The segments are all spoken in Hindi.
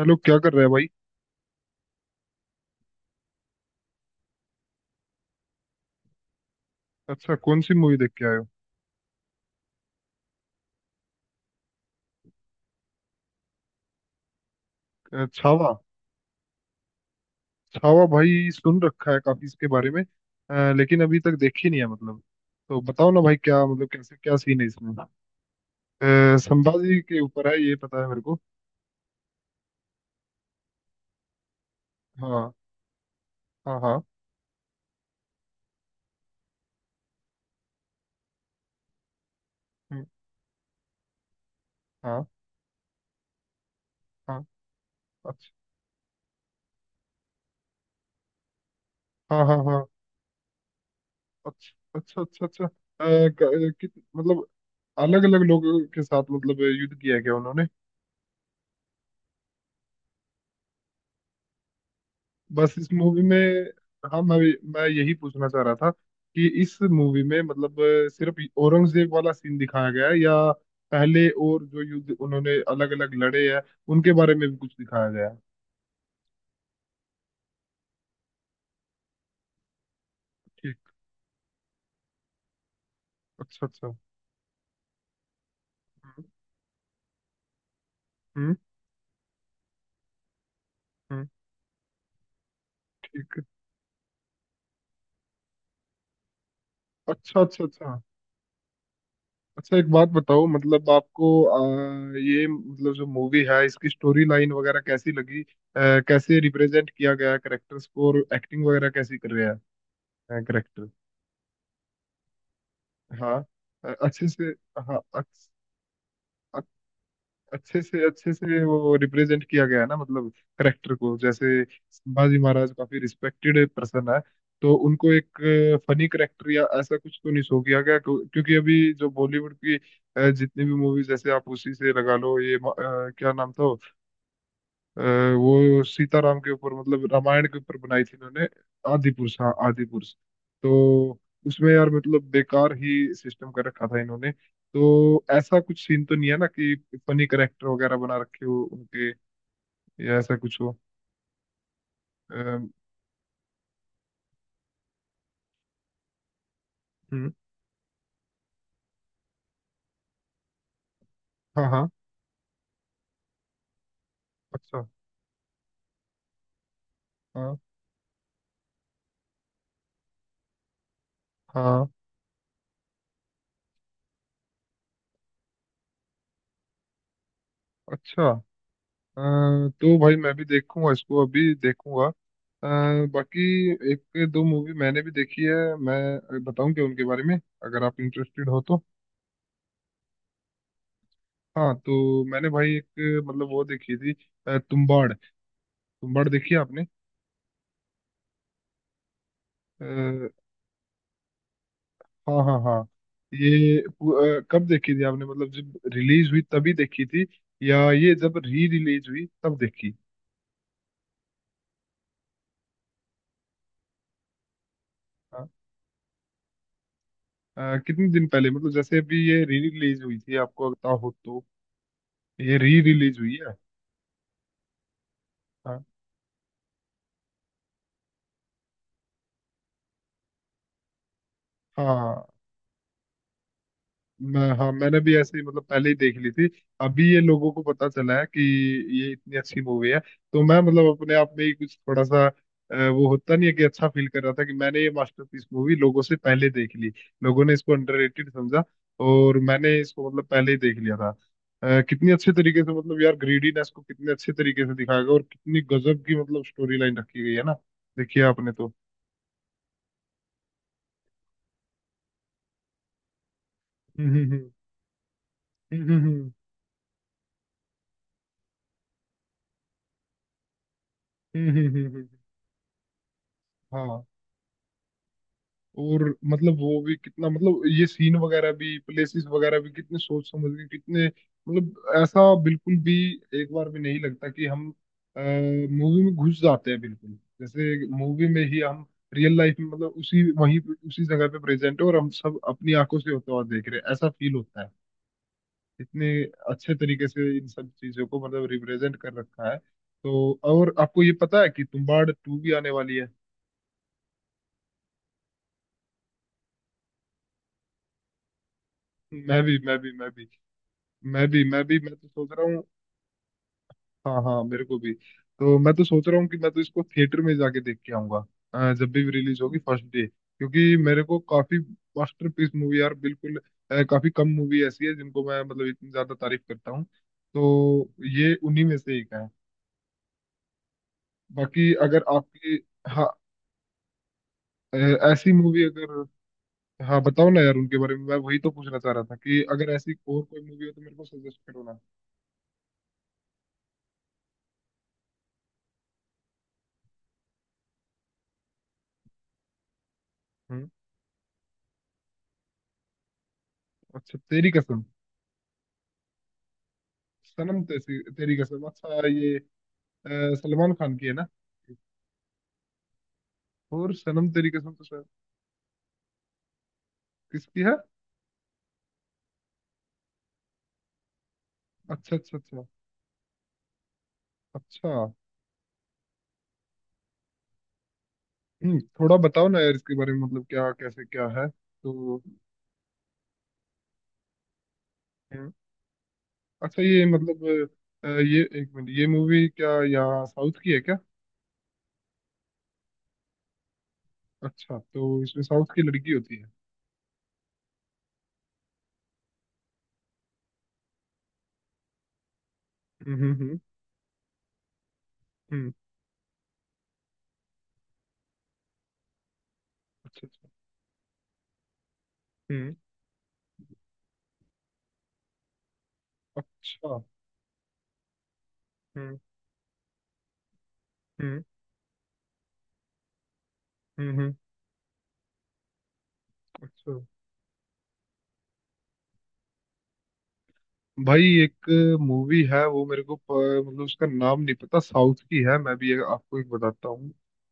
हेलो, क्या कर रहे हैं भाई। अच्छा, कौन सी मूवी देख के आए हो। छावा। छावा भाई, सुन रखा है काफी इसके बारे में, लेकिन अभी तक देखी नहीं है मतलब। तो बताओ ना भाई, क्या मतलब, कैसे क्या सीन है इसमें। संभाजी के ऊपर है ये, पता है मेरे को। हाँ, हाँ, हाँ। हम्म। हाँ, हाँ। अच्छा। हाँ, हाँ, हाँ। अच्छा, अच्छा, अच्छा। अच्छा। मतलब, अलग अलग लोगों के साथ मतलब, युद्ध किया है क्या उन्होंने? बस इस मूवी में। हाँ, मैं यही पूछना चाह रहा था कि इस मूवी में मतलब सिर्फ औरंगजेब वाला सीन दिखाया गया है, या पहले और जो युद्ध उन्होंने अलग अलग लड़े हैं उनके बारे में भी कुछ दिखाया गया है? ठीक। अच्छा, अच्छा। हम्म, हम्म, हम्म। ठीक है। अच्छा, अच्छा, अच्छा। अच्छा, एक बात बताओ मतलब, आपको ये मतलब जो मूवी है इसकी स्टोरी लाइन वगैरह कैसी लगी? कैसे रिप्रेजेंट किया गया करेक्टर्स को, और एक्टिंग वगैरह कैसी कर रहे हैं करेक्टर? हाँ। अच्छे से। हाँ, अक- अच्छे से वो रिप्रेजेंट किया गया है ना मतलब, करेक्टर को। जैसे संभाजी महाराज काफी रिस्पेक्टेड पर्सन है, तो उनको एक फनी करेक्टर या ऐसा कुछ तो नहीं शो किया गया, क्योंकि अभी जो बॉलीवुड की जितनी भी मूवीज, जैसे आप उसी से लगा लो ये, क्या नाम था, वो सीताराम के ऊपर मतलब रामायण के ऊपर बनाई थी इन्होंने। आदि पुरुष, हाँ आदि पुरुष। तो उसमें यार मतलब बेकार ही सिस्टम कर रखा था इन्होंने। तो ऐसा कुछ सीन तो नहीं है ना कि फनी करेक्टर वगैरह बना रखे हो उनके, या ऐसा कुछ हो? हम्म। हाँ, हाँ। अच्छा। हाँ, हाँ। अच्छा। अ, तो भाई मैं भी देखूंगा इसको, अभी देखूंगा। बाकी एक दो मूवी मैंने भी देखी है, मैं बताऊं क्या उनके बारे में, अगर आप इंटरेस्टेड हो तो। हाँ, तो मैंने भाई एक मतलब वो देखी थी, तुम्बाड़। तुम्बाड़ देखी है आपने? अ, हाँ, हाँ, हाँ। ये कब देखी थी आपने, मतलब जब रिलीज हुई तभी देखी थी, या ये जब री रिलीज हुई तब देखी? हाँ। कितने दिन पहले, मतलब जैसे अभी ये री रिलीज हुई थी, आपको पता हो तो। ये री रिलीज हुई है? हाँ, हाँ। मैं हाँ, मैंने भी ऐसे ही मतलब पहले ही देख ली थी। अभी ये लोगों को पता चला है कि ये इतनी अच्छी मूवी है। तो मैं मतलब अपने आप में ही कुछ थोड़ा सा, वो होता नहीं है कि अच्छा फील कर रहा था कि मैंने ये मास्टरपीस मूवी लोगों से पहले देख ली। लोगों ने इसको अंडररेटेड समझा, और मैंने इसको मतलब पहले ही देख लिया था। कितनी अच्छे तरीके से मतलब यार, ग्रीडीनेस को कितने अच्छे तरीके से दिखाया गया, और कितनी गजब की मतलब स्टोरी लाइन रखी गई है ना, देखिए आपने तो। हम्म, हम्म, हम्म, हम्म, हम्म, हम्म, हम्म, हम्म, हम्म। हाँ। और मतलब वो भी कितना मतलब, ये सीन वगैरह भी, प्लेसेस वगैरह भी कितने सोच समझ के, कितने मतलब, ऐसा बिल्कुल भी एक बार भी नहीं लगता। कि हम मूवी में घुस जाते हैं बिल्कुल, जैसे मूवी में ही हम रियल लाइफ में मतलब, उसी वहीं पे, उसी जगह पे प्रेजेंट है, और हम सब अपनी आंखों से होता हुआ देख रहे हैं, ऐसा फील होता है। इतने अच्छे तरीके से इन सब चीजों को मतलब रिप्रेजेंट कर रखा है। तो और आपको ये पता है कि तुम्बाड़ टू भी आने वाली है? मैं भी मैं भी मैं भी मैं भी, मैं तो सोच रहा हूँ। हाँ, हाँ, मेरे को भी। तो मैं तो सोच रहा हूँ कि मैं तो इसको थिएटर में जाके देख के आऊंगा, जब भी रिलीज होगी, फर्स्ट डे, क्योंकि मेरे को काफी मास्टरपीस मूवी यार बिल्कुल। काफी कम मूवी ऐसी है जिनको मैं मतलब इतनी ज्यादा तारीफ करता हूँ, तो ये उन्हीं में से एक है। बाकी अगर आपकी, हाँ, अ, ऐसी मूवी अगर, हाँ बताओ ना यार उनके बारे में। मैं वही तो पूछना चाह रहा था कि अगर ऐसी और कोई मूवी हो तो मेरे को सजेस्ट करो ना। हम्म। अच्छा, तेरी कसम। सनम तेरी तेरी कसम, अच्छा, ये सलमान खान की है ना? और सनम तेरी कसम तो शायद, किसकी है? अच्छा, अच्छा, अच्छा। अच्छा। थोड़ा बताओ ना यार इसके बारे में, मतलब क्या, कैसे क्या है तो? हम्म, अच्छा ये मतलब, ये एक मिनट, ये मूवी क्या यहाँ साउथ की है क्या? अच्छा, तो इसमें साउथ की लड़की होती है। हम्म, हम्म, हम्म, हम्म। अच्छा, अच्छा। हम्म। अच्छा। हम्म, हम्म, हम्म, हम्म। अच्छा भाई। एक मूवी है वो मेरे को मतलब उसका नाम नहीं पता, साउथ की है, मैं भी आपको एक बताता हूँ।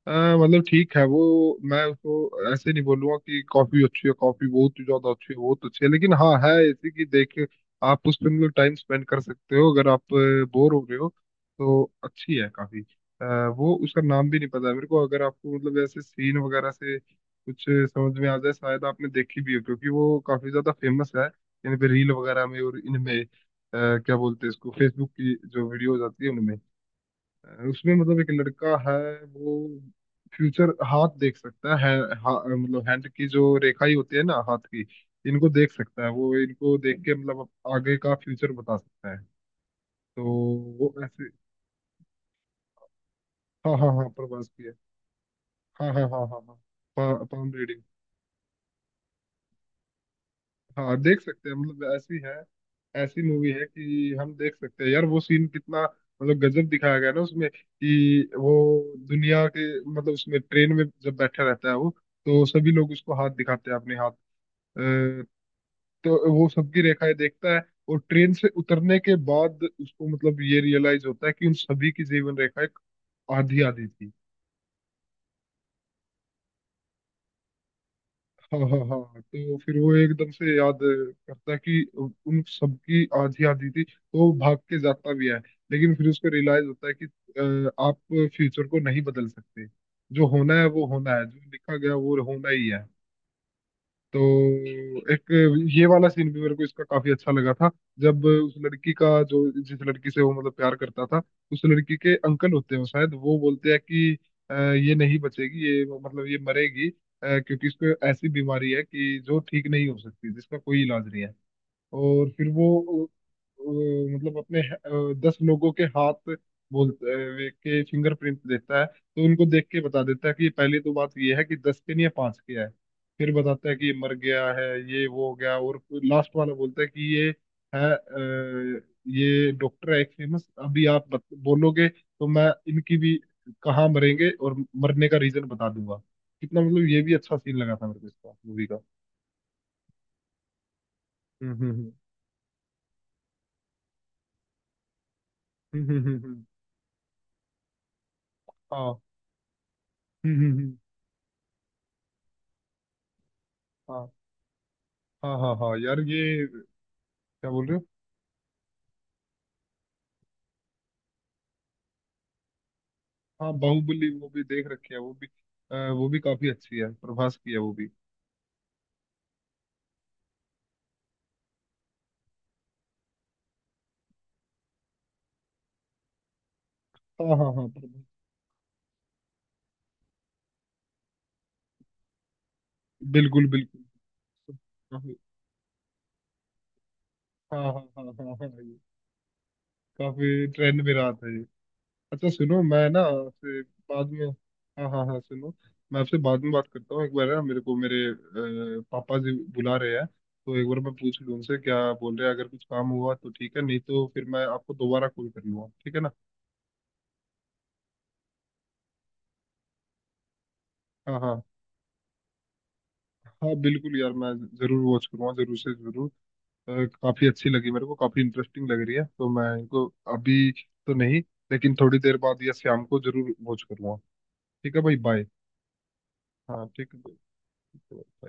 अ, मतलब ठीक है, वो मैं उसको ऐसे नहीं बोलूंगा कि कॉफी अच्छी है, कॉफी बहुत ही ज्यादा अच्छी है, बहुत अच्छी है, लेकिन हाँ है ऐसी कि देख के आप उस पर मतलब टाइम स्पेंड कर सकते हो, अगर आप बोर हो रहे हो तो, अच्छी है काफी। अ, वो उसका नाम भी नहीं पता है मेरे को, अगर आपको मतलब ऐसे सीन वगैरह से कुछ समझ में आ जाए, शायद आपने देखी भी हो, क्योंकि वो काफी ज्यादा फेमस है इन पे, रील वगैरह में और इनमें, अ, क्या बोलते हैं इसको, फेसबुक की जो वीडियोज आती है उनमें। उसमें मतलब एक लड़का है, वो फ्यूचर, हाथ देख सकता है। मतलब हैंड की जो रेखाएं होती है ना, हाथ की, इनको देख सकता है। वो इनको देख के मतलब आगे का फ्यूचर बता सकता है। तो वो ऐसे, हाँ, हाँ, हाँ, प्रभास की है। हाँ, हाँ, हाँ, हाँ, हाँ। पाम। हाँ, देख सकते हैं मतलब ऐसी है। ऐसी मूवी है कि हम देख सकते हैं। यार वो सीन कितना मतलब गजब दिखाया गया ना उसमें, कि वो दुनिया के मतलब, उसमें ट्रेन में जब बैठा रहता है वो, तो सभी लोग उसको हाथ दिखाते हैं, अपने हाथ, अ, तो वो सबकी रेखाएं देखता है। और ट्रेन से उतरने के बाद उसको मतलब ये रियलाइज होता है कि उन सभी की जीवन रेखाएं आधी आधी थी। हाँ, हाँ, हाँ, हाँ। तो फिर वो एकदम से याद करता है कि उन सबकी आधी आधी थी, तो वो भाग के जाता भी है, लेकिन फिर उसको रियलाइज होता है कि आप फ्यूचर को नहीं बदल सकते, जो होना है वो होना है, जो लिखा गया वो होना ही है। तो एक ये वाला सीन भी मेरे को इसका काफी अच्छा लगा था। जब उस लड़की का, जो जिस लड़की से वो मतलब प्यार करता था, उस लड़की के अंकल होते हैं, वो शायद वो बोलते हैं कि, ये नहीं बचेगी, ये मतलब ये मरेगी, क्योंकि इसको ऐसी बीमारी है कि जो ठीक नहीं हो सकती, जिसका कोई इलाज नहीं है।" और फिर वो अ, मतलब अपने दस लोगों के हाथ, बोलते के फिंगरप्रिंट देता है, तो उनको देख के बता देता है कि पहली तो बात ये है कि दस के नहीं है, पांच के है। फिर बताता है कि ये मर गया है, ये वो हो गया, और लास्ट वाला बोलता है कि ये है ये डॉक्टर है एक फेमस। अभी आप बोलोगे तो मैं इनकी भी कहाँ मरेंगे और मरने का रीजन बता दूंगा। कितना मतलब, ये भी अच्छा सीन लगा था मेरे को इसका, मूवी का। हम्म, हम्म, हम्म, हम्म, हम्म, हम्म, हम्म, हम्म, हम्म। हाँ, हाँ, हाँ, हाँ यार, ये क्या बोल रहे हो? हाँ, बाहुबली वो भी देख रखी है, वो भी वो भी काफी अच्छी है, प्रभास की है वो भी। हाँ, हाँ, हाँ, प्रभास, बिल्कुल, बिल्कुल। काफी- हाँ, हाँ, हाँ, हाँ, हाँ, हाँ। ये काफी ट्रेंड में रहा था ये। अच्छा सुनो, मैं ना आपसे बाद में, हाँ, हाँ, हाँ सुनो, मैं आपसे बाद में बात करता हूँ। एक बार ना, मेरे को मेरे पापा जी बुला रहे हैं, तो एक बार मैं पूछ लूँ उनसे क्या बोल रहे हैं। अगर कुछ काम हुआ तो ठीक है, नहीं तो फिर मैं आपको दोबारा कॉल कर लूँगा, ठीक है ना? हाँ, हाँ, हाँ बिल्कुल यार, मैं जरूर वॉच करूँगा, जरूर से जरूर। अ, काफी अच्छी लगी मेरे को, काफी इंटरेस्टिंग लग रही है, तो मैं इनको अभी तो नहीं, लेकिन थोड़ी देर बाद या शाम को जरूर वॉच करूँगा। ठीक है भाई, बाय। हाँ, ठीक है।